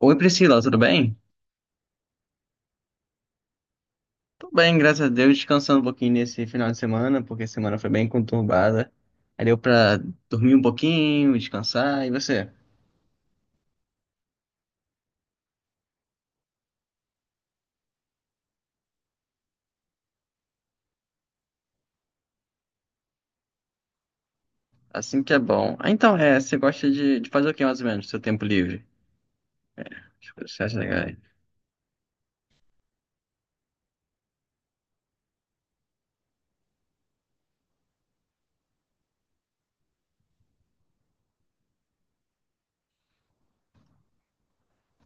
Oi Priscila, tudo bem? Tô bem, graças a Deus, descansando um pouquinho nesse final de semana, porque a semana foi bem conturbada. Aí deu pra dormir um pouquinho, descansar, e você? Assim que é bom. Ah, então, você gosta de fazer o que mais ou menos, no seu tempo livre? As coisas que você acha legal?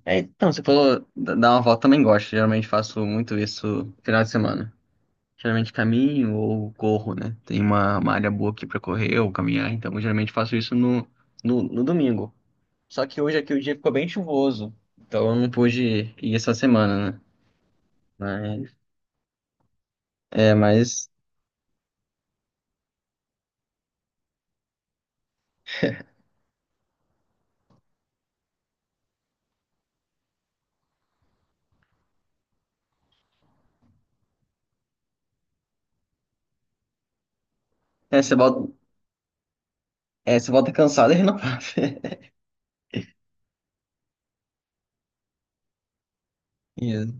É, então, você falou dar uma volta, também gosto, geralmente faço muito isso no final de semana. Geralmente caminho ou corro, né? Tem uma área boa aqui pra correr ou caminhar, então eu geralmente faço isso no domingo. Só que hoje aqui o dia ficou bem chuvoso. Então eu não pude ir essa semana, né? Mas, é, mas é, você volta, você volta cansado e renovado. Isso,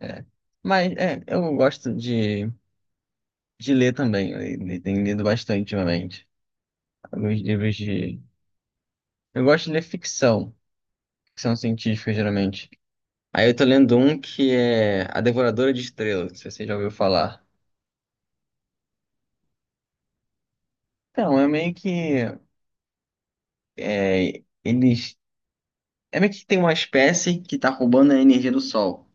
é. Eu gosto de ler também. Tenho lido bastante ultimamente. Alguns livros de. Eu gosto de ler ficção, ficção científica, geralmente. Aí eu tô lendo um que é A Devoradora de Estrelas, se você já ouviu falar. Então, é meio que. É, eles. É meio que tem uma espécie que está roubando a energia do Sol.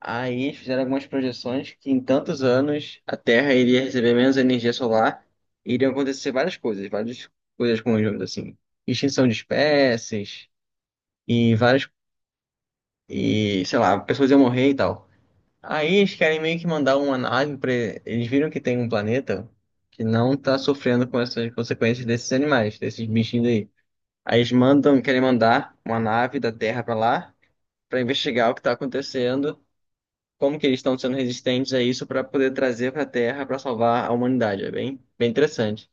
Aí eles fizeram algumas projeções que em tantos anos a Terra iria receber menos energia solar e iriam acontecer várias coisas conjuntas, assim. Extinção de espécies e várias... E, sei lá, pessoas iam morrer e tal. Aí eles querem meio que mandar uma nave para... Eles viram que tem um planeta que não está sofrendo com essas consequências desses animais, desses bichinhos aí. Aí eles mandam, querem mandar uma nave da Terra para lá para investigar o que está acontecendo, como que eles estão sendo resistentes a isso para poder trazer para a Terra para salvar a humanidade. É bem, bem interessante.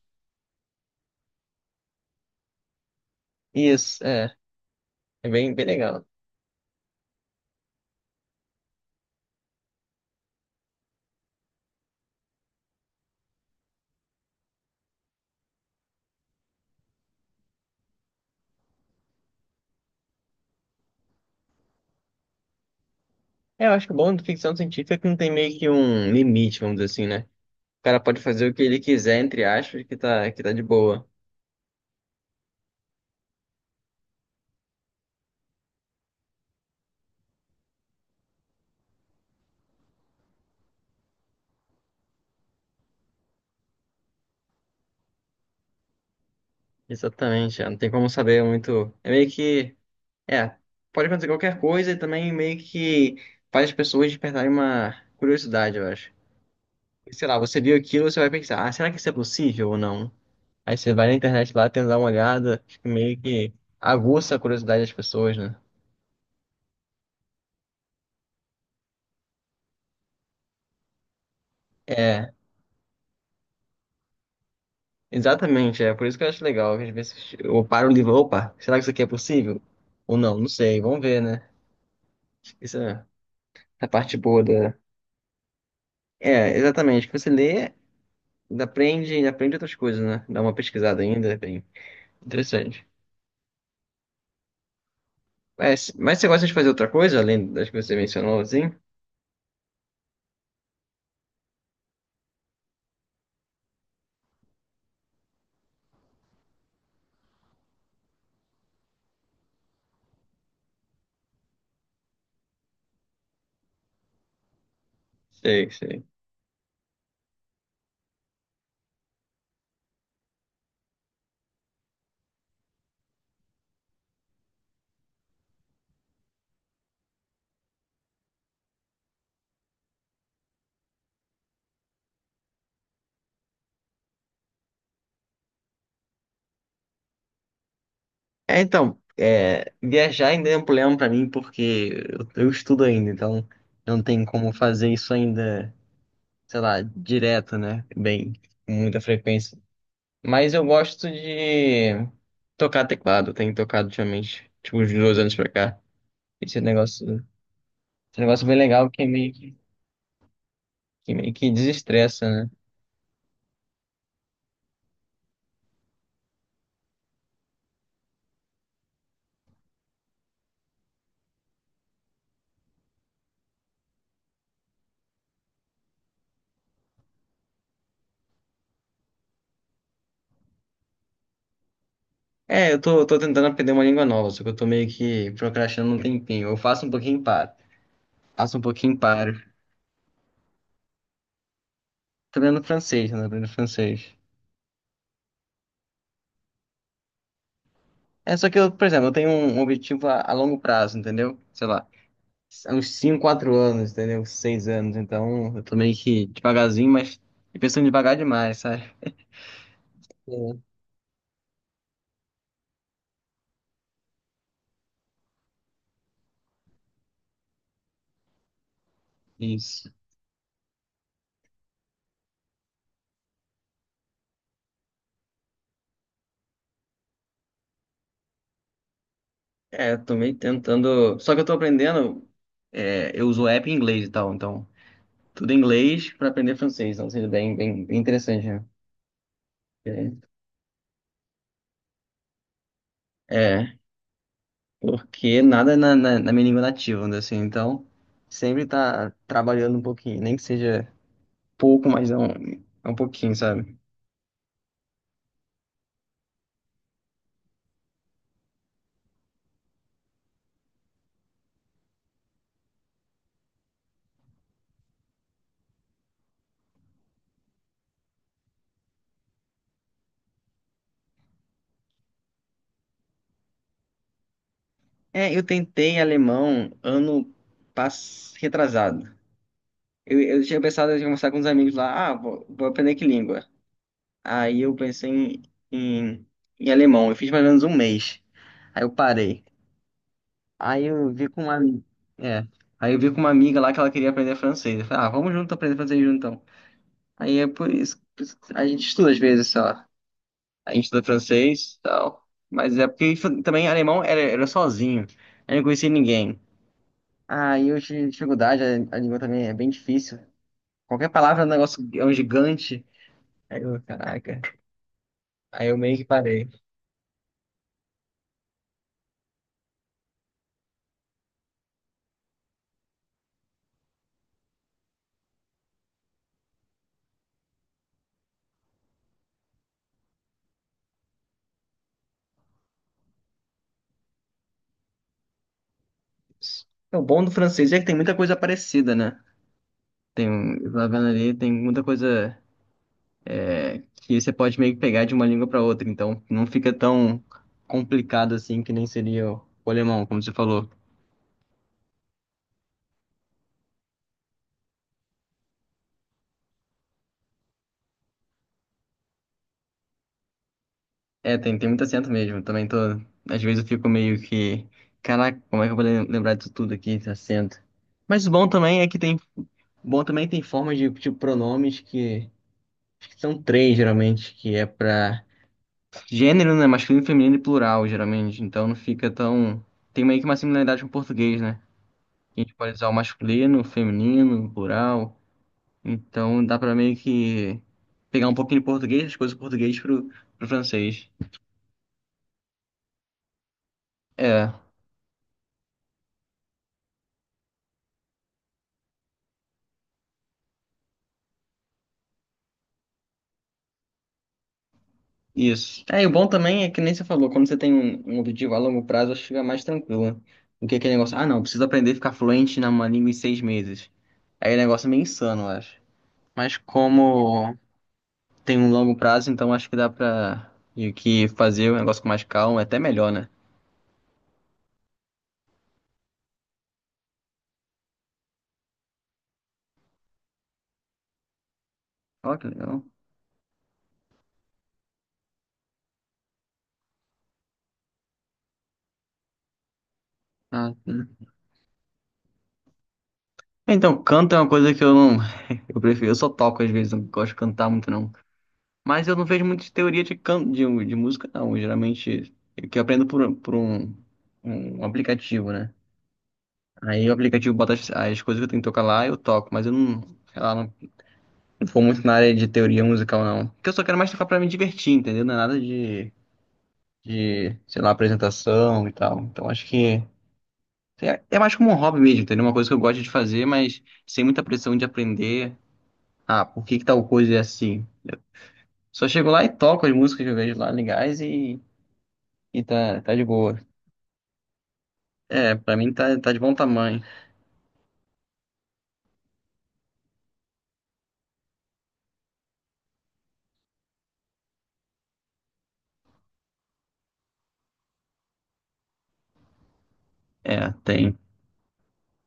Isso, é. É bem, bem legal. É, eu acho que o bom de ficção científica é que não tem meio que um limite, vamos dizer assim, né? O cara pode fazer o que ele quiser, entre aspas, que tá de boa. Exatamente, é, não tem como saber muito. É meio que. É, pode acontecer qualquer coisa e também meio que faz as pessoas despertarem uma curiosidade, eu acho. Sei lá, você viu aquilo, você vai pensar, ah, será que isso é possível ou não? Aí você vai na internet lá, tenta dar uma olhada, fica meio que aguça a curiosidade das pessoas, né? É, exatamente, é por isso que eu acho legal. Às vezes eu paro o livro, opa, será que isso aqui é possível? Ou não, não sei, vamos ver, né? Acho que isso é a parte boa da. É, exatamente, que você lê, aprende, aprende outras coisas, né? Dá uma pesquisada ainda, é bem interessante. Mas você gosta de fazer outra coisa, além das que você mencionou, assim? Sei, sei. É, então, é, viajar ainda é um problema pra mim porque eu estudo ainda, então não tem como fazer isso ainda, sei lá, direto, né? Bem, com muita frequência. Mas eu gosto de tocar teclado, eu tenho tocado ultimamente, tipo, uns 2 anos pra cá. Esse negócio, esse negócio é bem legal que meio que desestressa, né? É, eu tô tentando aprender uma língua nova, só que eu tô meio que procrastinando um tempinho. Eu faço um pouquinho e paro. Faço um pouquinho e paro. Tô aprendendo francês, né? Aprendendo francês. É só que eu, por exemplo, eu tenho um objetivo a longo prazo, entendeu? Sei lá, uns 5, 4 anos, entendeu? 6 anos, então eu tô meio que devagarzinho, mas e pensando devagar demais, sabe? É. Isso. É, eu tô meio tentando. Só que eu tô aprendendo, é, eu uso app em inglês e tal, então tudo em inglês pra aprender francês, então seria bem, bem, bem interessante, né? É, é, porque nada na minha língua nativa, né, assim, então sempre tá trabalhando um pouquinho, nem que seja pouco, mas é um pouquinho, sabe? É, eu tentei alemão ano retrasado. Eu tinha pensado em conversar com uns amigos lá, ah, vou aprender que língua. Aí eu pensei em, em alemão, eu fiz mais ou menos um mês. Aí eu parei. Aí eu vi com uma, ami- é, Aí eu vi com uma amiga lá que ela queria aprender francês. Eu falei, ah, vamos junto aprender francês junto então. Aí é por isso que a gente estuda às vezes só. A gente estuda francês e tal. Mas é porque também alemão era sozinho. Eu não conhecia ninguém. Ah, e eu tive dificuldade, a língua também é bem difícil. Qualquer palavra é um negócio, é um gigante. Aí eu, caraca. Aí eu meio que parei. O bom do francês é que tem muita coisa parecida, né? Eu vendo ali, tem muita coisa que você pode meio que pegar de uma língua para outra. Então não fica tão complicado assim que nem seria o alemão, como você falou. É, tem, tem muito acento mesmo. Também tô. Às vezes eu fico meio que. Caraca, como é que eu vou lembrar disso tudo aqui, esse acento? Mas o bom também é que tem. Bom também tem formas de, tipo, pronomes que. Acho que são três, geralmente, que é pra. Gênero, né? Masculino, feminino e plural, geralmente. Então não fica tão. Tem meio que uma similaridade com o português, né? A gente pode usar o masculino, o feminino, o plural. Então dá pra meio que. Pegar um pouquinho de português, as coisas do português pro francês. É. Isso. É, e o bom também é que nem você falou, quando você tem um objetivo a longo prazo, acho que fica mais tranquilo, né? Do que aquele negócio, ah, não, preciso aprender a ficar fluente numa língua em 6 meses. Aí o negócio é meio insano, eu acho. Mas como tem um longo prazo, então acho que dá pra meio que fazer o negócio com mais calma, é até melhor, né? Ó, que legal. Ah, tá. Então, canto é uma coisa que eu não. Eu prefiro, eu só toco às vezes, não gosto de cantar muito, não. Mas eu não vejo muita teoria de música, não. Geralmente, eu que aprendo por um aplicativo, né? Aí o aplicativo bota as coisas que eu tenho que tocar lá e eu toco, mas eu não, sei lá, não, não vou muito na área de teoria musical, não. Porque eu só quero mais tocar pra me divertir, entendeu? Não é nada de, sei lá, apresentação e tal. Então acho que é mais como um hobby mesmo, entendeu? Uma coisa que eu gosto de fazer, mas sem muita pressão de aprender. Ah, por que que tal coisa é assim? Só chego lá e toco as músicas que eu vejo lá legais e tá, tá de boa. É, pra mim tá, tá de bom tamanho. É, tem.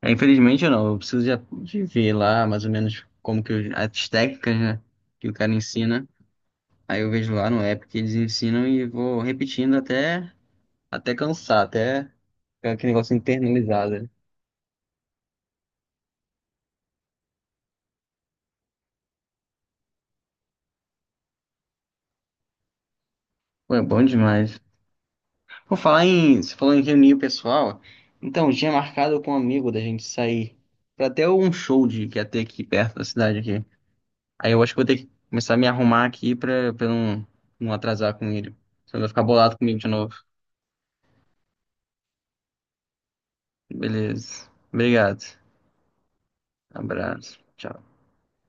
É, infelizmente não, eu preciso já de ver lá mais ou menos como que as técnicas, né, que o cara ensina. Aí eu vejo lá no app que eles ensinam e vou repetindo até cansar, até ficar aquele negócio internalizado, né? Pô, é bom demais. Vou falar em. Você falou em reunir o pessoal. Então, tinha marcado com um amigo da gente sair pra até um show de, que ia ter aqui perto da cidade aqui. Aí eu acho que vou ter que começar a me arrumar aqui pra eu não, não atrasar com ele. Senão ele vai ficar bolado comigo de novo. Beleza. Obrigado. Abraço. Tchau.